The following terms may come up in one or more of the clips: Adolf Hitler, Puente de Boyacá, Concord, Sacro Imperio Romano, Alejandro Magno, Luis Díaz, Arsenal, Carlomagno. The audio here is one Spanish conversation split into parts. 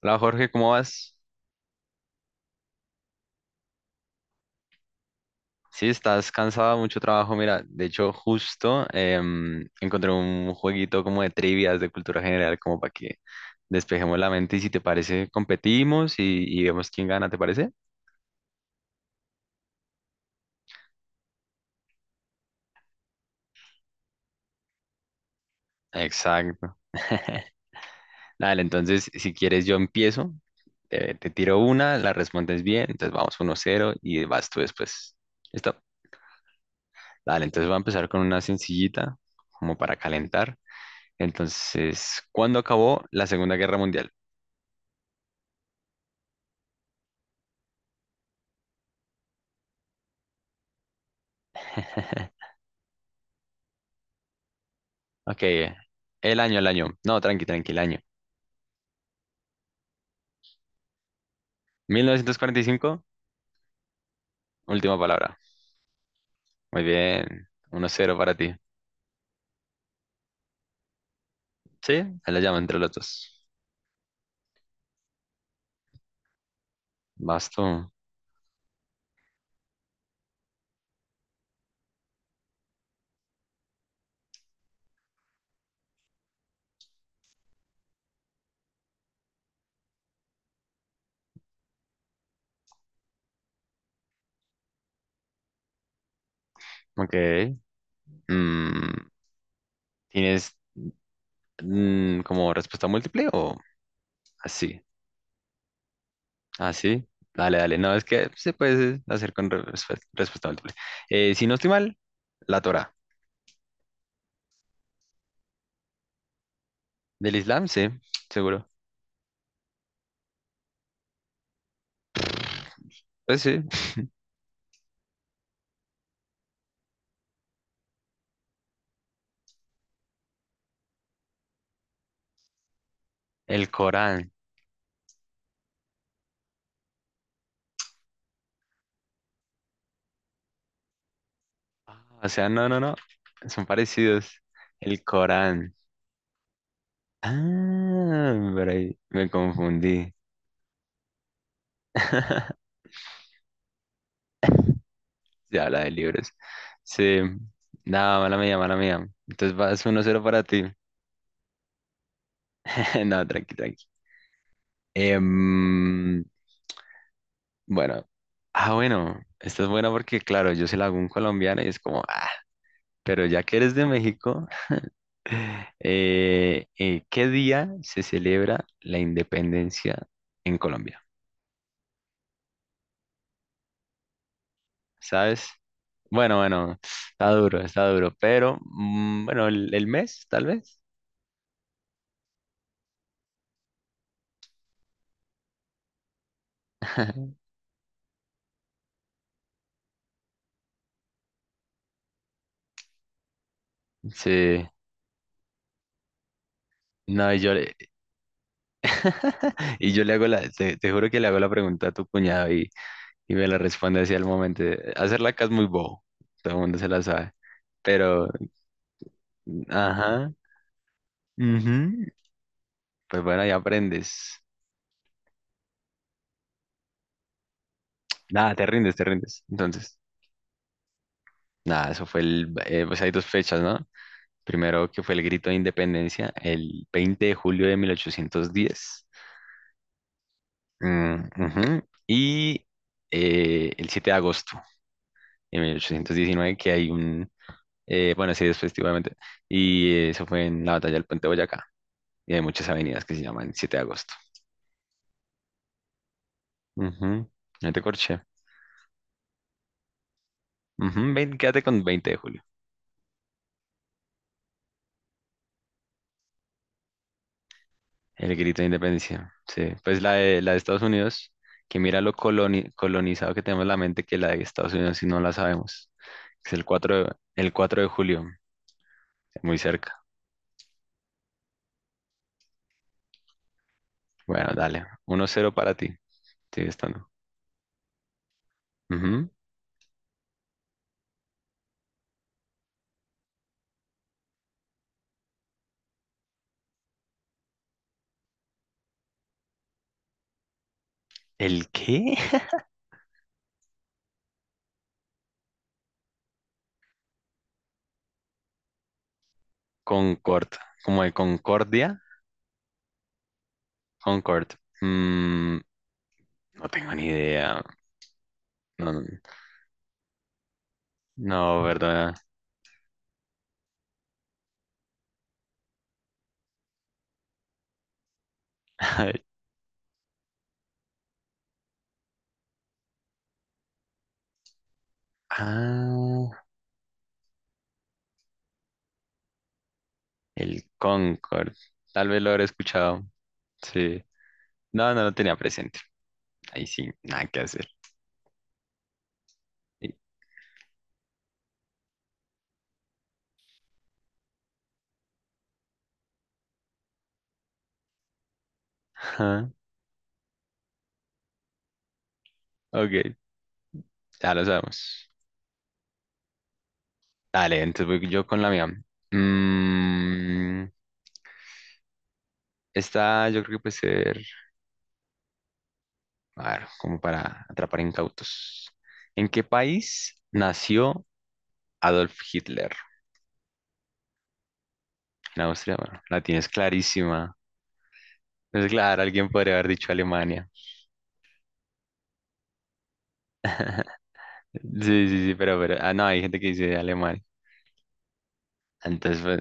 Hola Jorge, ¿cómo vas? Sí, estás cansado, mucho trabajo. Mira, de hecho, justo encontré un jueguito como de trivias de cultura general, como para que despejemos la mente y si te parece, competimos y vemos quién gana, ¿te parece? Exacto. Dale, entonces, si quieres, yo empiezo, te tiro una, la respondes bien, entonces vamos 1-0 y vas tú después. ¿Listo? Dale, entonces voy a empezar con una sencillita, como para calentar. Entonces, ¿cuándo acabó la Segunda Guerra Mundial? Ok, el año, el año. No, tranqui, tranqui, el año. 1945, última palabra. Muy bien, 1-0 para ti. Sí, ahí la llama entre los dos. Basto. Ok. Mm, ¿Tienes como respuesta múltiple o así? Así. Dale, dale. No, es que se puede hacer con respuesta múltiple. Si no estoy mal, la Torá. Del Islam, sí, seguro. Pues sí. El Corán. Ah, o sea, no, no, no. Son parecidos. El Corán. Ah, por ahí me confundí. Se habla de libros. Sí. Nada, mala mía, mala mía. Entonces vas 1-0 para ti. No, tranqui, tranqui. Em, bueno. Ah, bueno. Esta es buena porque, claro, yo se la hago a un colombiano y es como, ah, pero ya que eres de México, ¿qué día se celebra la independencia en Colombia? ¿Sabes? Bueno, bueno, está duro, pero bueno, el mes, tal vez. Sí, no, y yo le, y yo le hago la, te juro que le hago la pregunta a tu cuñado y me la responde así al momento. Hacerla acá es muy bobo, todo el mundo se la sabe, pero, ajá, ujú, pues bueno, ya aprendes. Nada, te rindes, te rindes. Entonces, nada, eso fue el, pues hay dos fechas, ¿no? Primero que fue el grito de independencia el 20 de julio de 1810. Mm, ujú. Y el 7 de agosto de 1819 que hay un, bueno, sí, después, obviamente y eso fue en la batalla del Puente de Boyacá. Y hay muchas avenidas que se llaman 7 de agosto. Ujú, no te corché. Ujú, quédate con 20 de julio. El grito de independencia. Sí, pues la de Estados Unidos, que mira lo colonizado que tenemos la mente que la de Estados Unidos si no la sabemos. Es el 4 de, el 4 de julio, muy cerca. Bueno, dale. 1-0 para ti. Sigue estando. Ujú. ¿El qué? Concord. Como de Concordia. Concord. Mm, no tengo ni idea. No, no, no, perdona. Ah, el Concord. Tal vez lo habré escuchado. Sí. No, no lo tenía presente. Ahí sí, nada que hacer. Sí. Ajá. Ok, ya lo sabemos. Dale, entonces voy yo con la mía. Mm, Esta yo creo que puede ser, a ver, como para atrapar incautos. ¿En qué país nació Adolf Hitler? En Austria, bueno, la tienes clarísima. Es claro, alguien podría haber dicho Alemania. Sí, sí, sí, pero, ah, no, hay gente que dice Alemania. Entonces, pues,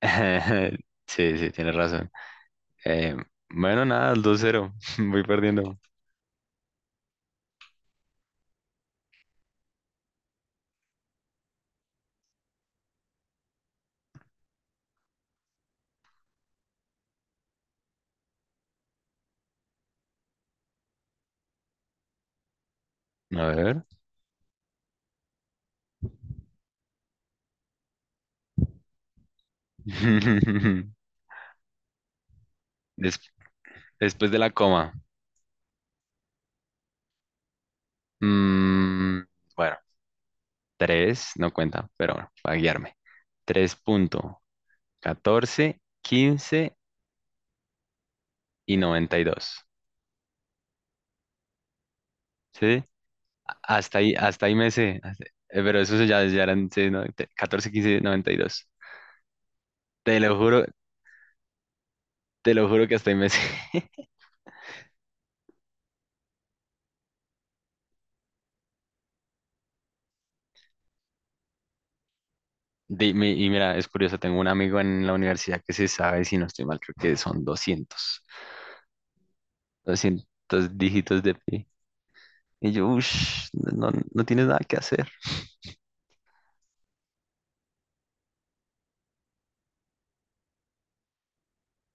sí, sí, tienes razón. Eh, bueno, nada, el 2-0, voy perdiendo. A ver. Des- después de la coma. Mm, bueno, 3, no cuenta, pero bueno, para guiarme. Tres punto catorce quince y noventa y dos. ¿Sí? Hasta ahí me sé. Pero eso ya, ya eran sí, no, 14, 15, 92. Te lo juro, te lo juro que hasta ahí me sé. Y mira, es curioso, tengo un amigo en la universidad que se sabe, si no estoy mal, creo que son doscientos dígitos de pi. Y yo, uff, no, no tienes nada que hacer.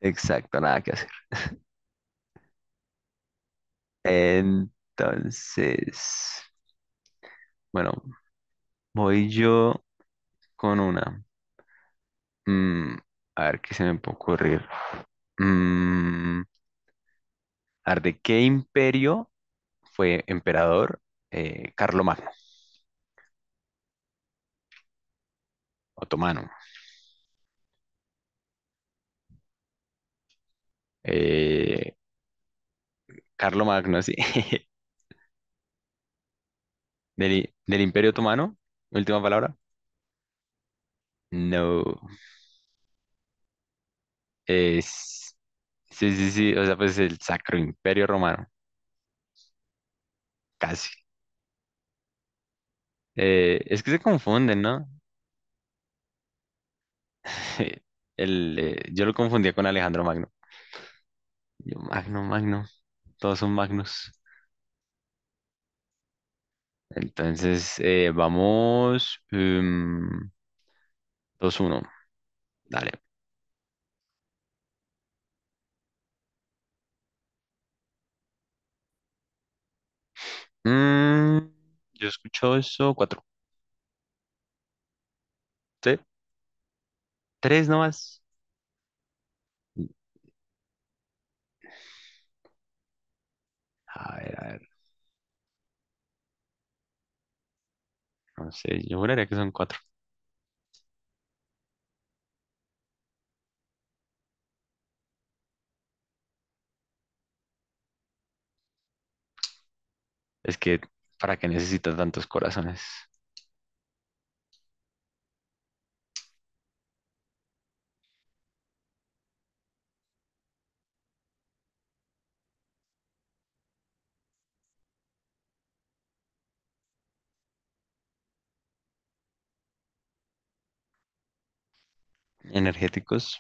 Exacto, nada que hacer. Entonces, bueno, voy yo con una. Mm, a ver, ¿qué se me puede ocurrir? Mm, a ver, ¿de qué imperio fue emperador Carlomagno, otomano? Eh, Carlomagno, sí. ¿Del imperio otomano? Última palabra. No. Es, sí, sí, sí, o sea, pues el Sacro Imperio Romano, casi. Es que se confunden, ¿no? El, yo lo confundía con Alejandro Magno. Yo, Magno, Magno, todos son Magnus. Entonces, vamos 2-1. Dale. Mm, yo escucho eso, cuatro. ¿Sí? 3 nomás. A ver, a ver. No sé, yo juraría que son cuatro. Es que, ¿para qué necesito tantos corazones energéticos?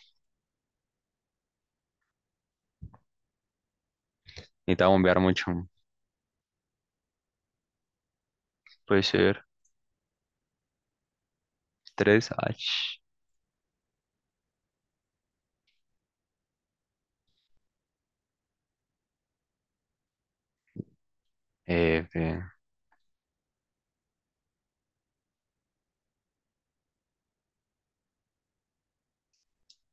Necesita bombear mucho. Puede ser tres h F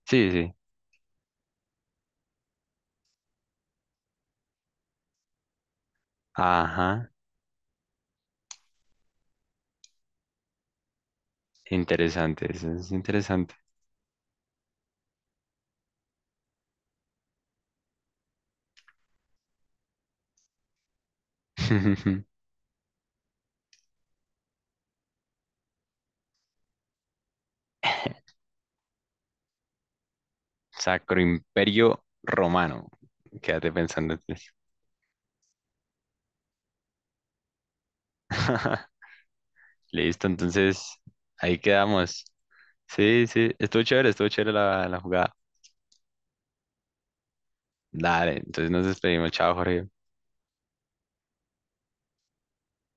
sí, sí. Ajá. Interesante, eso es interesante. Sacro Imperio Romano. Quédate pensando en eso. Listo, entonces ahí quedamos. Sí, sí, estuvo chévere la jugada. Dale, entonces nos despedimos. Chao, Jorge.